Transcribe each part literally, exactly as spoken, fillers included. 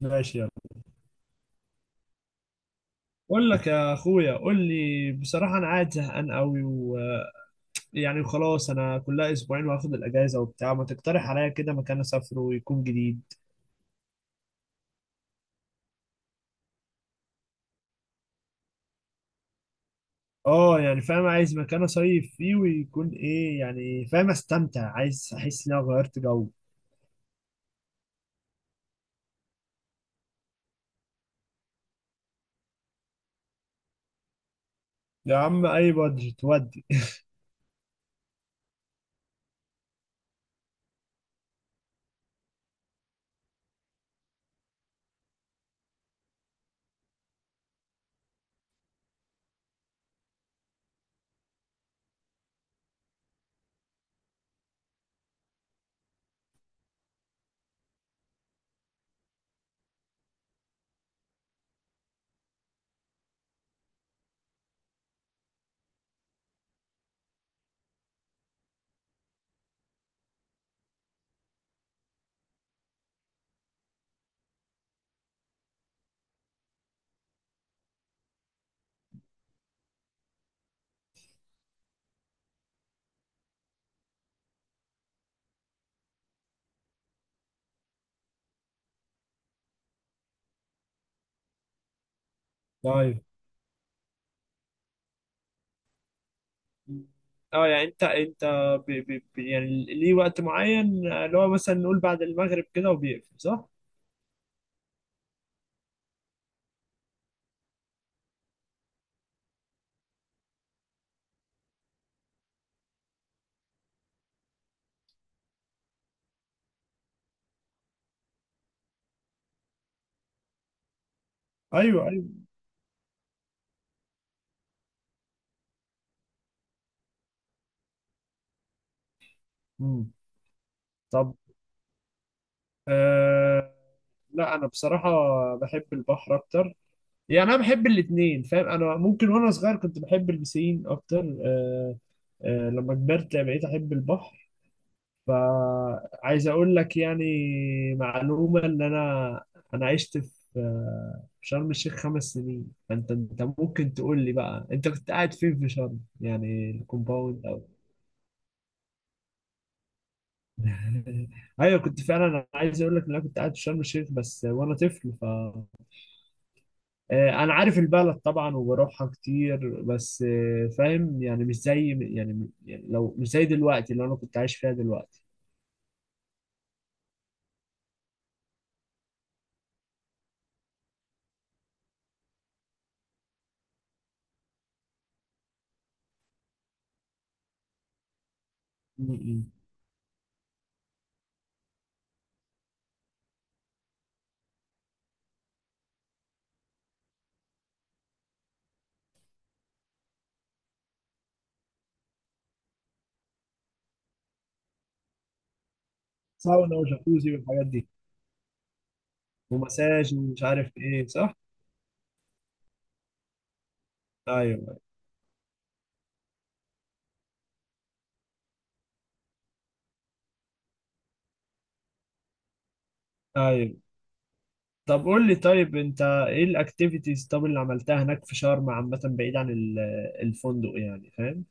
ماشي يلا. بقول لك يا اخويا، قول لي بصراحه، انا قاعد زهقان قوي ويعني وخلاص، انا كلها اسبوعين واخد الاجازه وبتاع. ما تقترح عليا كده مكان اسافره ويكون جديد. اه يعني فاهم، عايز مكان اصيف فيه ويكون ايه، يعني فاهم استمتع، عايز احس ان انا غيرت جو. يا عم اي بادجت ودي؟ طيب. اه يعني انت انت ب ب ب يعني ليه وقت معين اللي هو مثلا نقول بعد المغرب كده وبيقفل، صح؟ ايوه ايوه. مم. أه، لا انا بصراحه بحب البحر اكتر. يعني انا بحب الاثنين فاهم، انا ممكن وانا صغير كنت بحب البسين اكتر. أه. أه، لما كبرت بقيت احب البحر. فعايز اقول لك يعني معلومه، ان انا انا عشت في آه، في شرم الشيخ خمس سنين. فانت انت ممكن تقول لي بقى، انت كنت قاعد فين في شرم؟ يعني الكومباوند او. ايوه كنت فعلا. انا عايز اقول لك ان انا كنت قاعد في شرم الشيخ بس وانا طفل. آه، انا عارف البلد طبعا وبروحها كتير، بس آه، فاهم يعني مش زي. يعني يعني لو مش زي دلوقتي اللي انا كنت عايش فيها دلوقتي. م- م. ساونا وجاكوزي والحاجات دي. ومساج ومش عارف ايه، صح. ايوه ايوه. طب قول لي، طيب انت ايه الاكتيفيتيز طب اللي عملتها هناك في شرم عامة، بعيد عن ال- الفندق؟ يعني فاهم.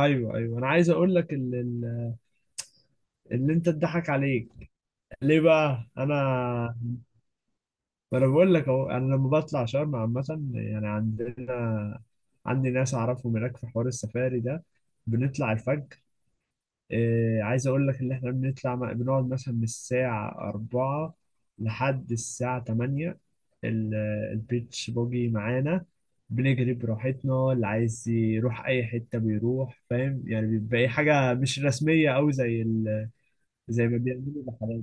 ايوه ايوه. انا عايز اقول لك ال- ال- اللي انت اتضحك عليك ليه بقى، انا ما انا بقول لك اهو، انا لما بطلع شرم عامه يعني عندنا عندي ناس اعرفهم هناك في حوار السفاري ده. بنطلع الفجر. إيه، عايز اقول لك ان احنا بنطلع م- بنقعد مثلا من الساعه اربعة لحد الساعه تمانية. ال- البيتش بوجي معانا، بنجري براحتنا، اللي عايز يروح اي حته بيروح، فاهم يعني بيبقى أي حاجه مش رسميه او زي ال... زي ما بيعملوا الرحلات.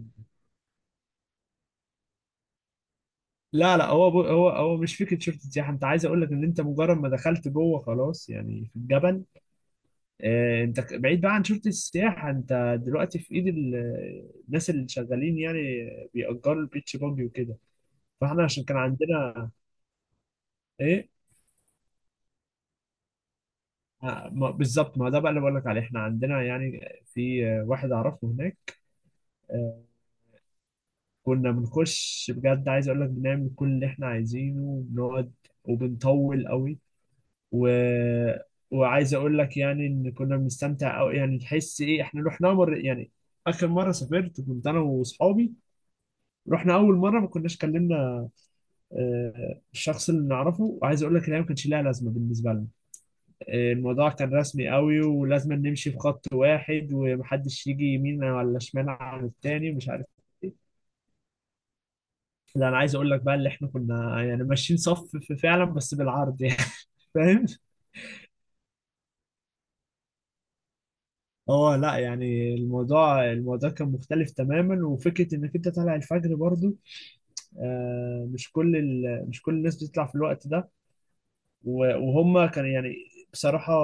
لا لا، هو بو هو هو مش فكره شرطه سياحه. انت عايز اقول لك ان انت مجرد ما دخلت جوه خلاص يعني في الجبل، آه انت ك- بعيد بقى عن شرطه السياحه. انت دلوقتي في ايد ال- الناس اللي شغالين يعني، بيأجروا البيتش باجي وكده. فاحنا عشان كان عندنا ايه آه، ما- بالظبط. ما ده بقى اللي بقول لك عليه. احنا عندنا يعني في آه، واحد اعرفه هناك. آه، كنا بنخش بجد. عايز اقول لك بنعمل كل اللي احنا عايزينه وبنقعد وبنطول قوي و... وعايز اقول لك يعني ان كنا بنستمتع قوي، يعني تحس ايه احنا رحنا مره يعني. اخر مره سافرت كنت انا واصحابي، رحنا اول مره ما كناش كلمنا آه، الشخص اللي نعرفه، وعايز اقول لك ان هي ما كانش لها لازمه بالنسبه لنا. آه، الموضوع كان رسمي قوي، ولازم نمشي في خط واحد ومحدش يجي يمين ولا شمال عن التاني، مش عارف ايه. لا انا عايز اقول لك بقى اللي احنا كنا يعني ماشيين صف في- فعلا، بس بالعرض يعني. فاهم. اه لا يعني الموضوع الموضوع كان مختلف تماما، وفكره انك انت طالع الفجر برضو. آه، مش كل ال... مش كل الناس بتطلع في الوقت ده. و- وهم كان يعني، بصراحه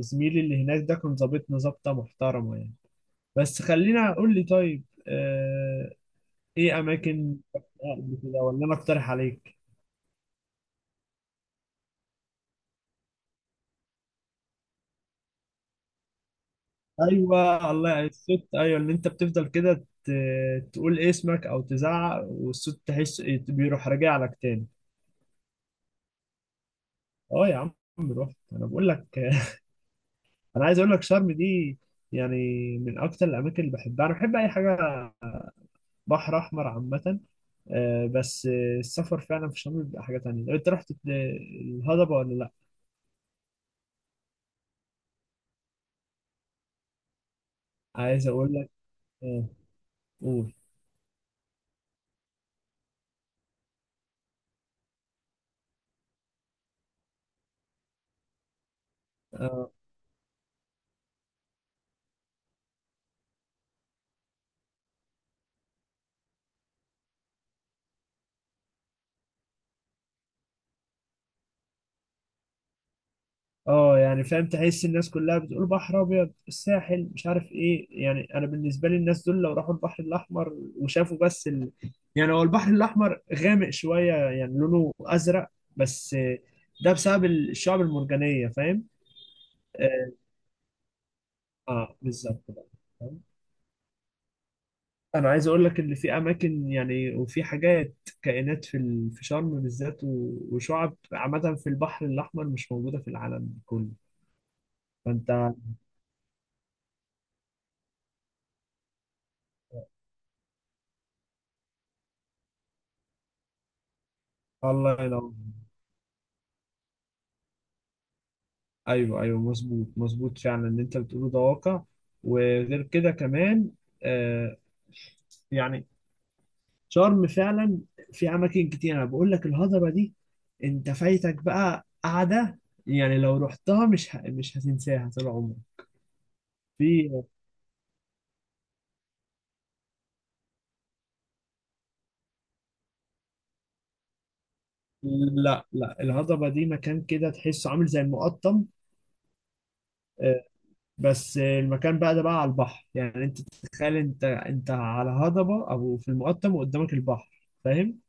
زميلي اللي هناك ده كان ظابطنا ظابطه محترمه يعني. بس خلينا اقول لي طيب، آه، ايه اماكن رحتها قبل كده ولا انا اقترح عليك؟ ايوه الله، يعني الصوت ايوه، ان انت بتفضل كده ت- تقول اسمك او تزعق، والصوت تحس بيروح راجع لك تاني. اه يا عم، رحت. انا بقول لك. انا عايز اقول لك شرم دي يعني من اكتر الاماكن اللي بحبها. انا بحب اي حاجه بحر احمر عامه. آه، بس آه، السفر فعلا في شرم بيبقى حاجه تانية. لو انت رحت ال- الهضبه ولا لا؟ عايز اقول لك آه، قول آه، اه يعني فاهم، تحس الناس كلها بتقول بحر ابيض، الساحل، مش عارف ايه. يعني انا بالنسبه لي الناس دول لو راحوا البحر الاحمر وشافوا بس ال... يعني هو البحر الاحمر غامق شويه يعني لونه ازرق، بس ده بسبب الشعب المرجانيه، فاهم؟ اه. آه، بالظبط بقى، فاهم؟ انا عايز اقول لك ان في اماكن يعني وفي حاجات، كائنات في ال- في شرم بالذات، و- وشعب عامه في البحر الاحمر مش موجوده في العالم كله. فانت. الله ينور. ايوه ايوه مظبوط مظبوط، فعلا اللي انت بتقوله ده واقع. وغير كده كمان آه يعني شرم فعلا في اماكن كتير. انا بقول لك الهضبه دي انت فايتك بقى قعده، يعني لو رحتها مش ه... مش هتنساها طول عمرك. في لا لا، الهضبه دي مكان كده تحسه عامل زي المقطم. آه، بس المكان بقى ده بقى على البحر، يعني انت تتخيل انت انت على هضبه او في المقطم وقدامك البحر، فاهم.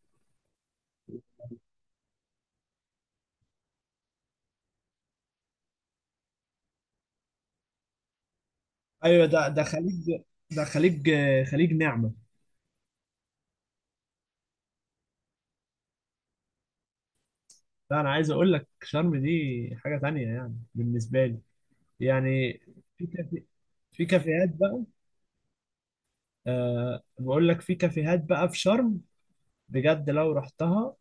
ايوه، ده ده خليج، ده خليج خليج نعمه. لا انا عايز اقول لك شرم دي حاجه تانية يعني بالنسبه لي. يعني في كافي في كافيهات بقى. أه بقول لك في كافيهات بقى في شرم، بجد لو رحتها،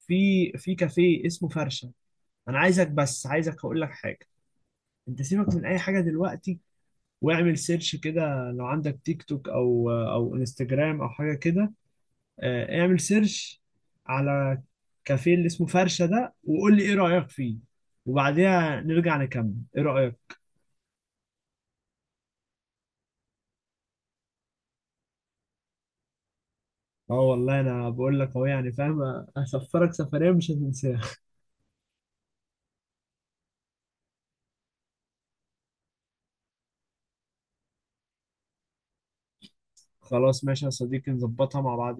في في كافيه اسمه فرشه. انا عايزك، بس عايزك اقول لك حاجه، انت سيبك من اي حاجه دلوقتي واعمل سيرش كده. لو عندك تيك توك او او انستجرام او حاجه كده، آه، اعمل سيرش على كافيه اللي اسمه فرشة ده، وقول لي ايه رأيك فيه، وبعديها نرجع نكمل. ايه رأيك؟ اه والله انا بقول لك اهو، يعني فاهم هسفرك سفرية مش هتنساها. خلاص ماشي يا صديقي، نظبطها مع بعض.